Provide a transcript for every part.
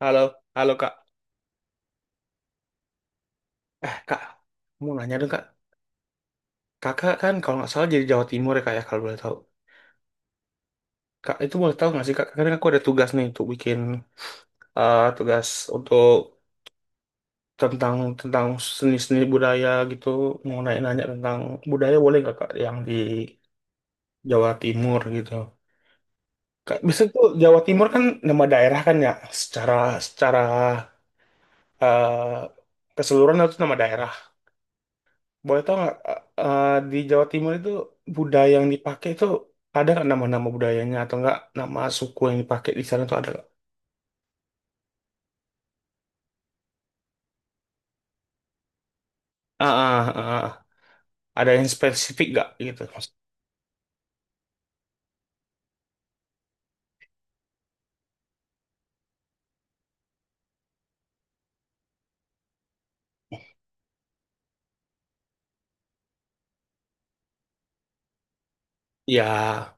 Halo, halo Kak. Eh Kak, mau nanya dong Kak. Kakak kan kalau nggak salah jadi Jawa Timur ya Kak ya kalau boleh tahu. Kak itu boleh tahu nggak sih Kak? Karena aku ada tugas nih untuk bikin tugas untuk tentang tentang seni-seni budaya gitu. Mau nanya-nanya tentang budaya boleh nggak Kak yang di Jawa Timur gitu. Kak, bisa tuh Jawa Timur kan nama daerah kan ya. Secara secara eh, keseluruhan itu nama daerah. Boleh tau nggak di Jawa Timur itu budaya yang dipakai itu ada nggak nama-nama budayanya atau nggak nama suku yang dipakai di sana tuh ada nggak? Ah, ah, ah, ah. Ada yang spesifik nggak gitu? Ya,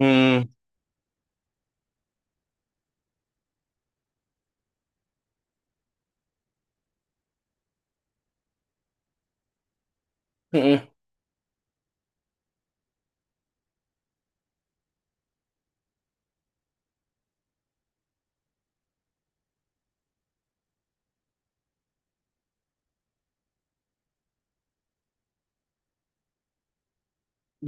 hmm, mm-mm.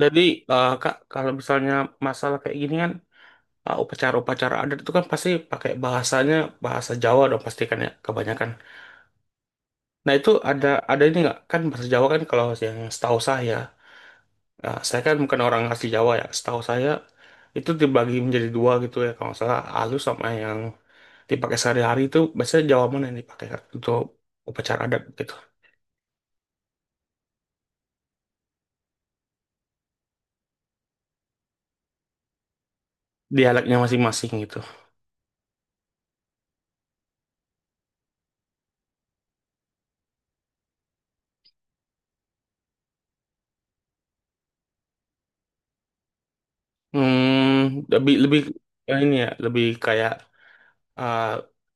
Jadi Kak kalau misalnya masalah kayak gini kan upacara-upacara adat itu kan pasti pakai bahasanya bahasa Jawa dong pasti kan ya kebanyakan. Nah itu ada ini nggak kan bahasa Jawa kan kalau yang setahu saya. Nah, saya kan bukan orang asli Jawa ya. Setahu saya itu dibagi menjadi dua gitu ya. Kalau nggak salah halus sama yang dipakai sehari-hari itu biasanya Jawa mana yang dipakai untuk upacara adat gitu. Dialeknya masing-masing gitu. Hmm, lebih lebih ya ini ya, lebih kayak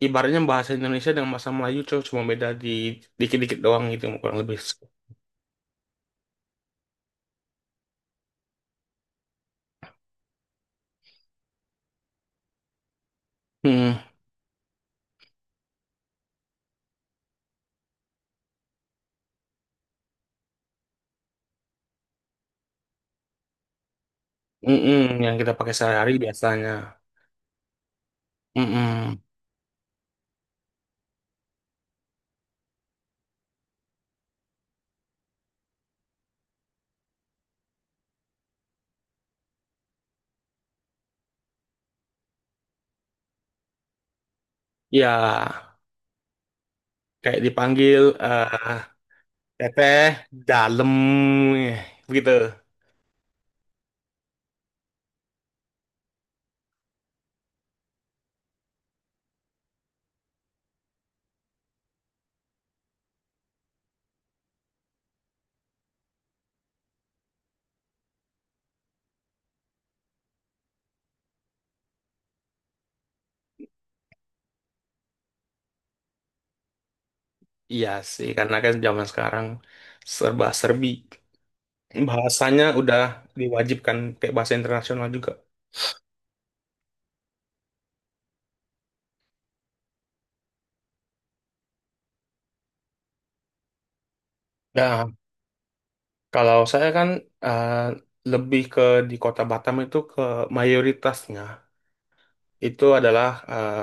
ibaratnya bahasa Indonesia dengan bahasa Melayu cuma cuma beda di dikit-dikit doang gitu kurang lebih. Hmm, mm-mm, yang kita pakai sehari-hari biasanya. Mm-mm. Ya, kayak dipanggil Teteh dalam gitu. Iya sih, karena kan zaman sekarang serba-serbi. Bahasanya udah diwajibkan kayak bahasa internasional juga. Nah, kalau saya kan eh, lebih ke di kota Batam itu ke mayoritasnya itu adalah eh,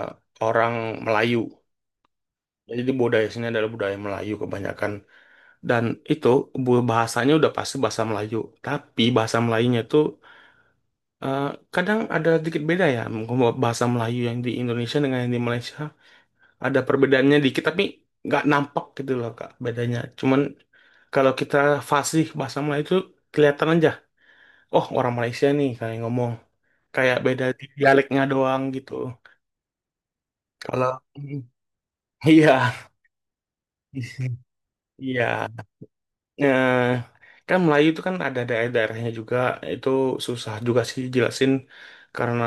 orang Melayu. Jadi di budaya sini adalah budaya Melayu kebanyakan. Dan itu bahasanya udah pasti bahasa Melayu. Tapi bahasa Melayunya itu Eh, kadang ada sedikit beda ya, mungkin bahasa Melayu yang di Indonesia dengan yang di Malaysia ada perbedaannya dikit, tapi nggak nampak gitu loh Kak bedanya. Cuman kalau kita fasih bahasa Melayu itu kelihatan aja, oh orang Malaysia nih kayak ngomong, kayak beda di dialeknya doang gitu. Kalau iya, iya. Eh, kan Melayu itu kan ada daerah-daerahnya juga, itu susah juga sih jelasin karena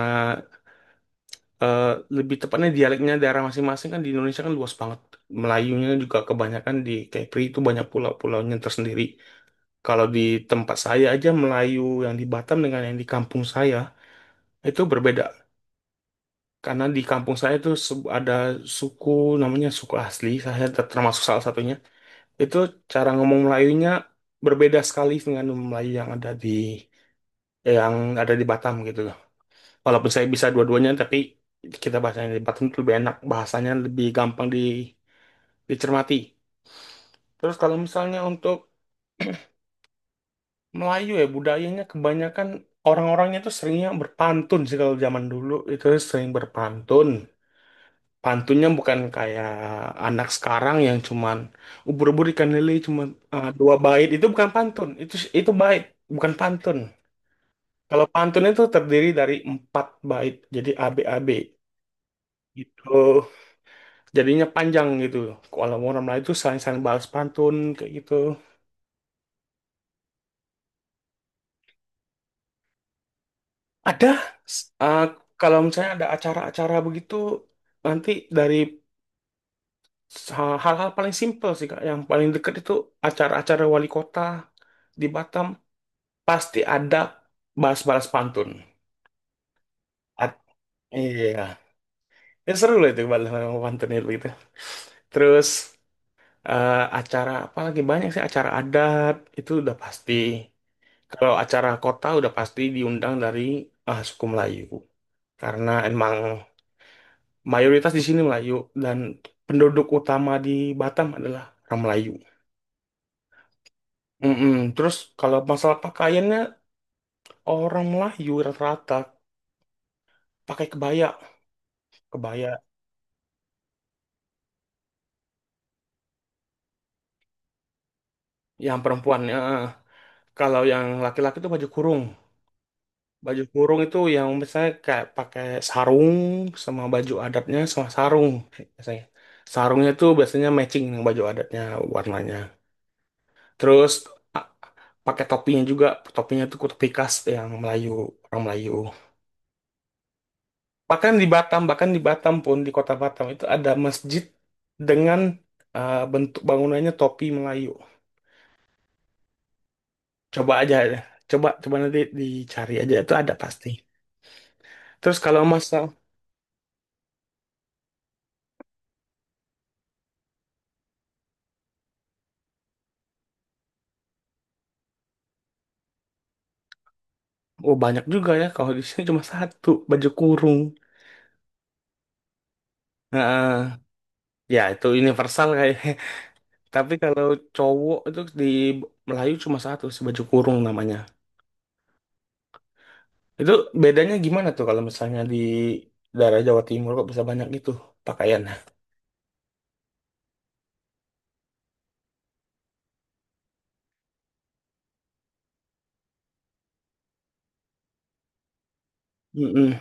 eh, lebih tepatnya dialeknya daerah masing-masing kan di Indonesia kan luas banget. Melayunya juga kebanyakan di Kepri itu banyak pulau-pulaunya tersendiri. Kalau di tempat saya aja Melayu yang di Batam dengan yang di kampung saya itu berbeda. Karena di kampung saya itu ada suku namanya suku asli, saya termasuk salah satunya. Itu cara ngomong Melayunya berbeda sekali dengan Melayu yang ada di Batam gitu. Walaupun saya bisa dua-duanya, tapi kita bahasanya di Batam itu lebih enak. Bahasanya lebih gampang dicermati. Terus kalau misalnya untuk Melayu ya, budayanya kebanyakan orang-orangnya itu seringnya berpantun sih kalau zaman dulu. Itu sering berpantun. Pantunnya bukan kayak anak sekarang yang cuman ubur-ubur ikan lele cuman dua bait. Itu bukan pantun. Itu bait, bukan pantun. Kalau pantun itu terdiri dari empat bait. Jadi AABAB gitu. Jadinya panjang gitu. Kalau mau ramlah itu saling-saling balas pantun kayak gitu. Ada. S- uh, kalau misalnya ada acara-acara begitu nanti dari hal-hal paling simpel sih Kak, yang paling dekat itu acara-acara wali kota di Batam pasti ada balas-balas pantun. At- iya, ya, seru lah itu balas-balas pantun itu gitu. Terus acara apa lagi banyak sih acara adat itu udah pasti. Kalau acara kota udah pasti diundang dari suku Melayu karena emang mayoritas di sini Melayu dan penduduk utama di Batam adalah orang Melayu. Mm-mm. Terus kalau masalah pakaiannya orang Melayu rata-rata pakai kebaya, kebaya yang perempuannya. Kalau yang laki-laki itu baju kurung. Baju kurung itu yang misalnya kayak pakai sarung sama baju adatnya sama sarung biasanya. Sarungnya itu biasanya matching dengan baju adatnya warnanya. Terus a- pakai topinya juga, topinya tuh topi khas yang Melayu, orang Melayu. Bahkan di Batam pun di kota Batam itu ada masjid dengan bentuk bangunannya topi Melayu. Coba aja, coba coba nanti dicari aja itu ada pasti. Terus kalau masa, oh banyak juga ya kalau di sini cuma satu baju kurung. Nah, ya itu universal kayaknya. Tapi kalau cowok itu di Melayu cuma satu sih baju kurung namanya. Itu bedanya gimana tuh kalau misalnya di daerah Jawa Timur kok bisa banyak gitu pakaian? Mm-mm.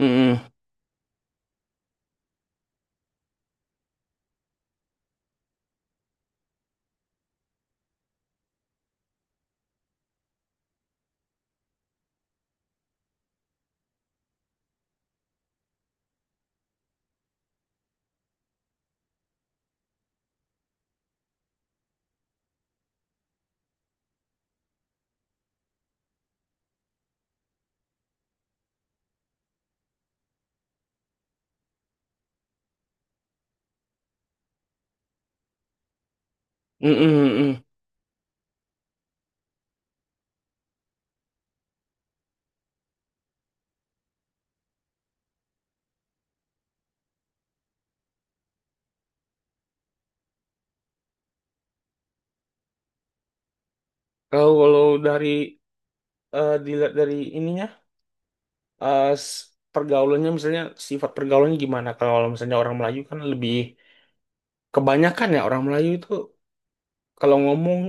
Mm-mm. Mm-mm. Mm-mm. Kalau kalau dari dilihat dari ininya eh, s- pergaulannya misalnya sifat pergaulannya gimana? Kalau misalnya orang Melayu kan lebih kebanyakan ya orang Melayu itu kalau ngomong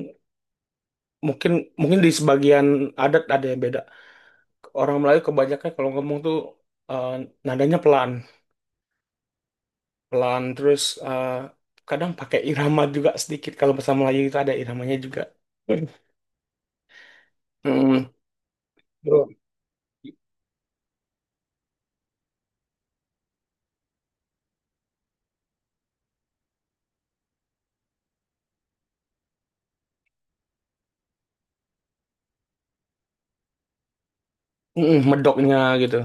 mungkin mungkin di sebagian adat ada yang beda. Orang Melayu kebanyakan kalau ngomong tuh eh, nadanya pelan. Terus kadang pakai irama juga sedikit kalau bahasa Melayu itu ada iramanya juga. Mm, bro. Mm, medoknya gitu.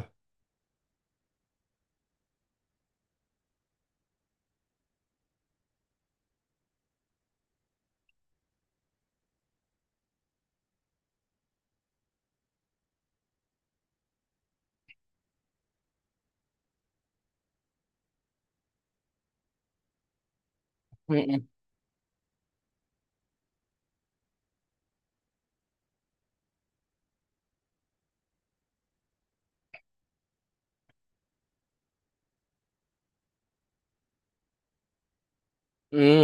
Mm, mm.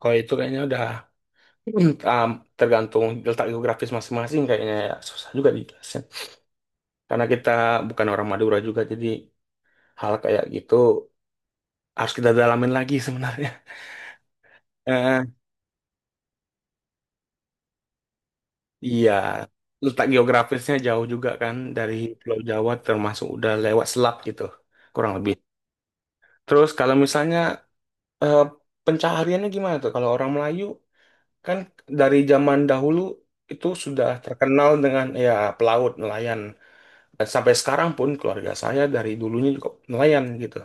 Kalau itu kayaknya udah mm, ah, tergantung letak geografis masing-masing kayaknya ya susah juga dijelasin karena kita bukan orang Madura juga jadi hal kayak gitu harus kita dalamin lagi sebenarnya. Eh, iya, letak geografisnya jauh juga kan dari Pulau Jawa termasuk udah lewat selat gitu kurang lebih. Terus kalau misalnya eh, pencahariannya gimana tuh? Kalau orang Melayu kan dari zaman dahulu itu sudah terkenal dengan ya pelaut, nelayan. Dan sampai sekarang pun keluarga saya dari dulunya juga nelayan gitu.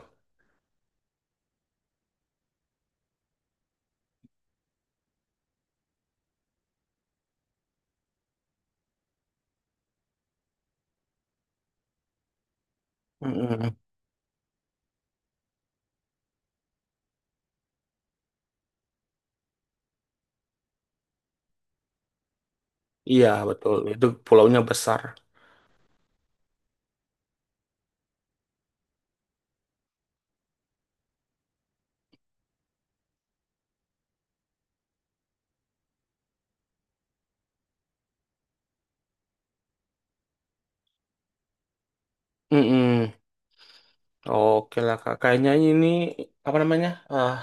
Mm-mm. Iya betul, itu pulaunya besar. Mm-mm. Oke lah kak, kayaknya ini apa namanya?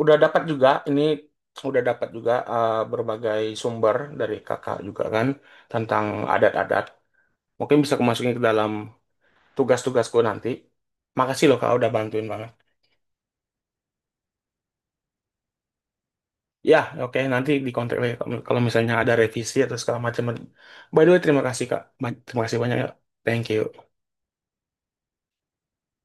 udah dapat juga ini udah dapat juga berbagai sumber dari kakak juga kan tentang adat-adat. Mungkin bisa kemasukin ke dalam tugas-tugasku nanti. Makasih loh kak udah bantuin banget. Ya, oke nanti di kontak lagi kalau kalau misalnya ada revisi atau segala macam. By the way, terima kasih kak. Terima kasih banyak. Ya. Thank you.